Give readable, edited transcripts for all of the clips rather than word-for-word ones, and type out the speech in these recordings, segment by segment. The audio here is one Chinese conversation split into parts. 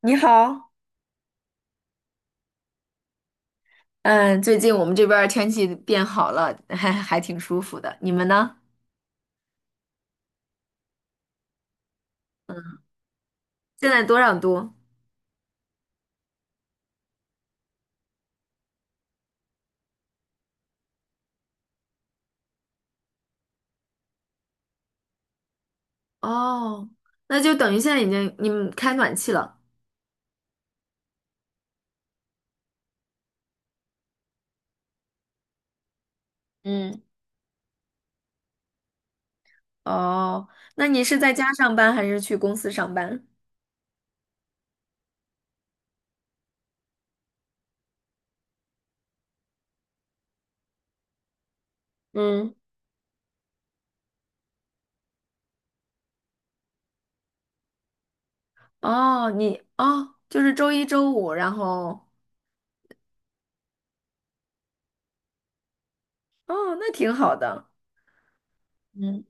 你好。嗯，最近我们这边儿天气变好了，还挺舒服的。你们呢？嗯，现在多少度？哦，那就等于现在已经你们开暖气了。嗯，哦，那你是在家上班还是去公司上班？嗯，哦，就是周一周五，然后。哦，那挺好的。嗯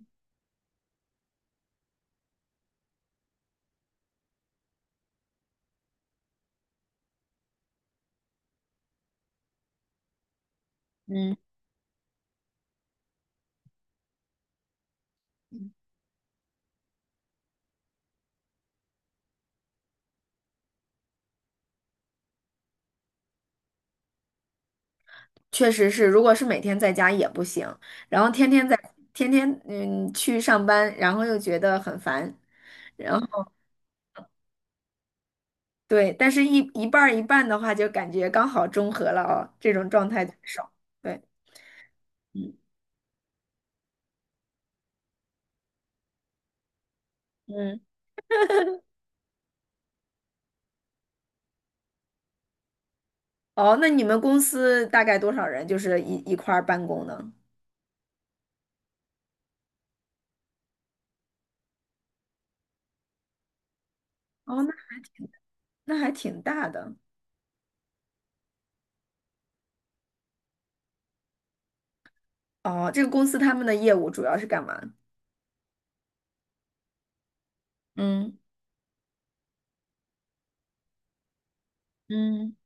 嗯，确实是，如果是每天在家也不行，然后天天去上班，然后又觉得很烦。然后。对，但是一半儿一半的话，就感觉刚好中和了哦，这种状态最爽。对，嗯嗯，哦，那你们公司大概多少人，就是一块儿办公呢？哦，那还挺大的。哦，这个公司他们的业务主要是干嘛？嗯嗯，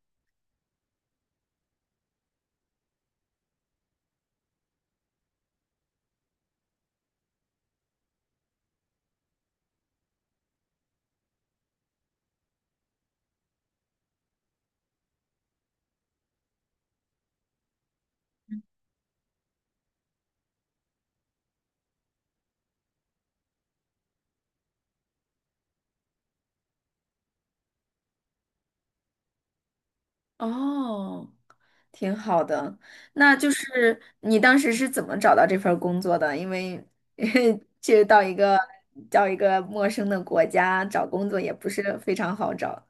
哦，挺好的。那就是你当时是怎么找到这份儿工作的？因为 去到一个到一个陌生的国家找工作也不是非常好找。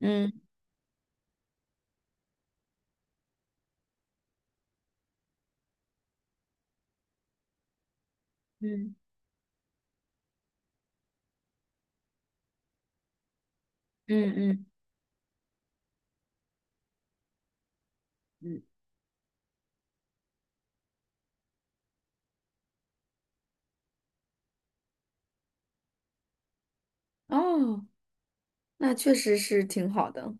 嗯。嗯嗯嗯嗯，哦，那确实是挺好的。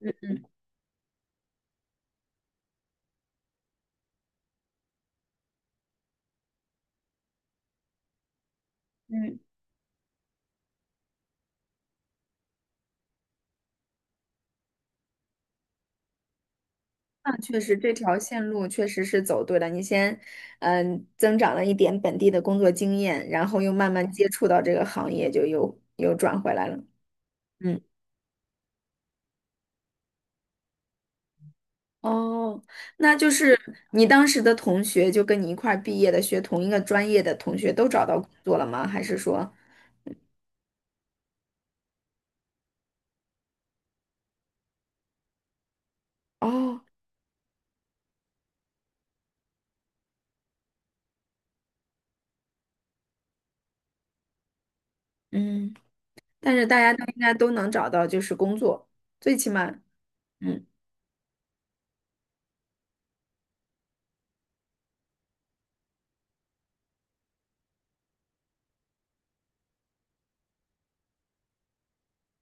嗯嗯嗯，那确实这条线路确实是走对了。你先，增长了一点本地的工作经验，然后又慢慢接触到这个行业，就又转回来了。嗯，哦，那就是你当时的同学，就跟你一块儿毕业的，学同一个专业的同学，都找到工作了吗？还是说，哦，嗯，但是大家都应该都能找到就是工作，最起码。嗯。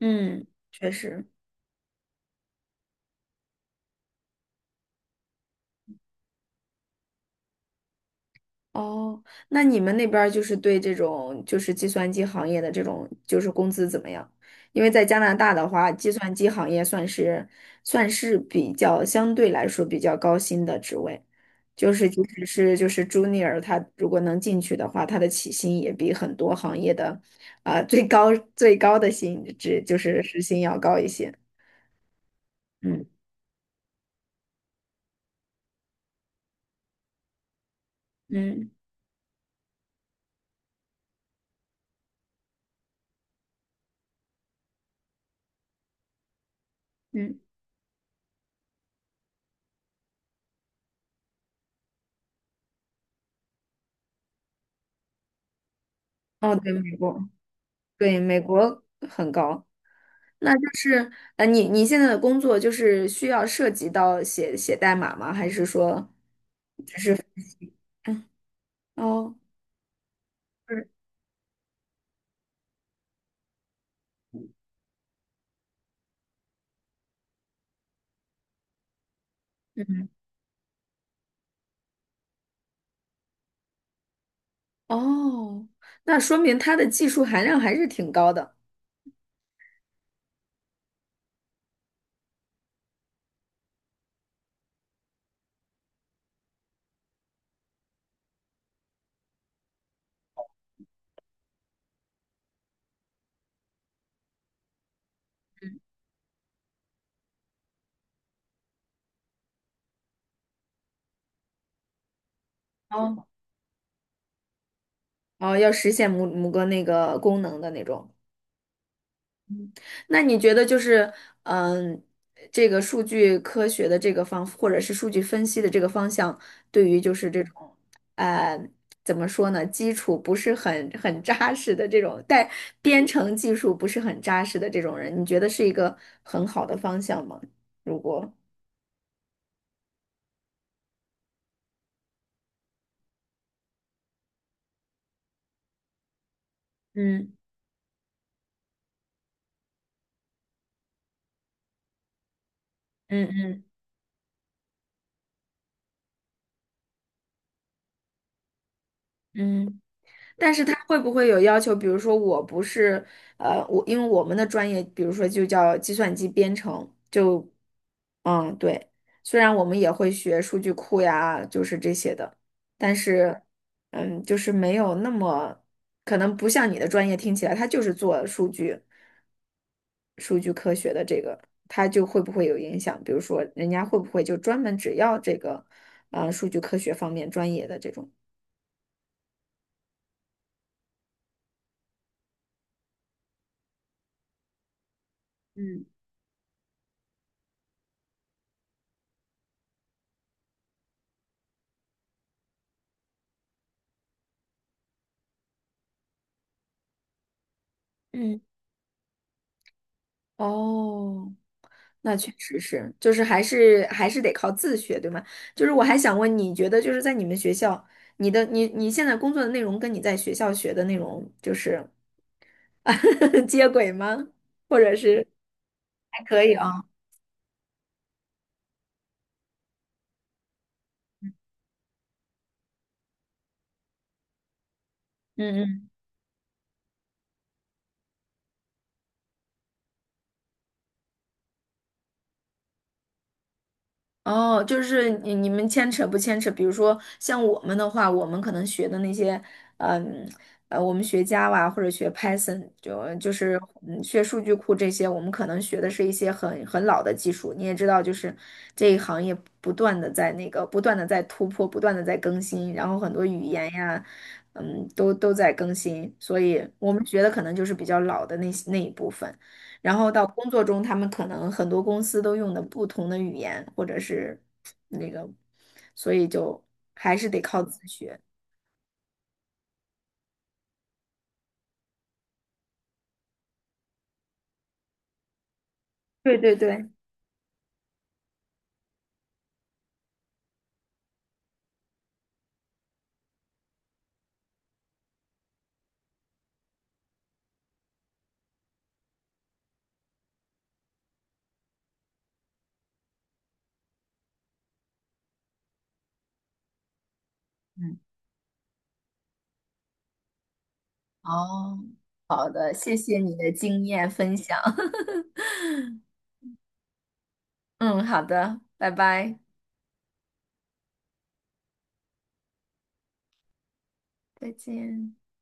嗯，确实。哦，那你们那边儿就是对这种就是计算机行业的这种就是工资怎么样？因为在加拿大的话，计算机行业算是比较相对来说比较高薪的职位，就是即使是就是 junior，他如果能进去的话，他的起薪也比很多行业的啊、最高最高的薪职就是时薪要高一些。嗯嗯嗯，哦，对，美国。对，美国很高。那就是你现在的工作就是需要涉及到写代码吗？还是说，嗯，哦，是，嗯，哦，那说明它的技术含量还是挺高的。哦，哦，要实现某个那个功能的那种。那你觉得就是，嗯，这个数据科学的这个或者是数据分析的这个方向，对于就是这种，呃，怎么说呢，基础不是很扎实的这种，但编程技术不是很扎实的这种人，你觉得是一个很好的方向吗？如果，嗯嗯嗯嗯。但是他会不会有要求？比如说，我不是，我因为我们的专业，比如说就叫计算机编程，就，对，虽然我们也会学数据库呀，就是这些的，但是，就是没有那么，可能不像你的专业听起来，他就是做数据、数据科学的这个，他就会不会有影响？比如说，人家会不会就专门只要这个，数据科学方面专业的这种？嗯，嗯。哦，那确实是，就是还是得靠自学，对吗？就是我还想问，你觉得就是在你们学校，你的你你现在工作的内容跟你在学校学的内容就是 接轨吗？或者是还可以啊？嗯，哦，就是你们牵扯不牵扯？比如说像我们的话，我们可能学的那些，嗯我们学 Java 或者学 Python，就是学数据库这些，我们可能学的是一些很老的技术。你也知道，就是这一行业不断的在那个不断的在突破，不断的在更新，然后很多语言呀，都在更新，所以我们学的可能就是比较老的那一部分。然后到工作中，他们可能很多公司都用的不同的语言，或者是那个，所以就还是得靠自学。对对对，嗯，哦，好的，谢谢你的经验分享。嗯，好的，拜拜，再见。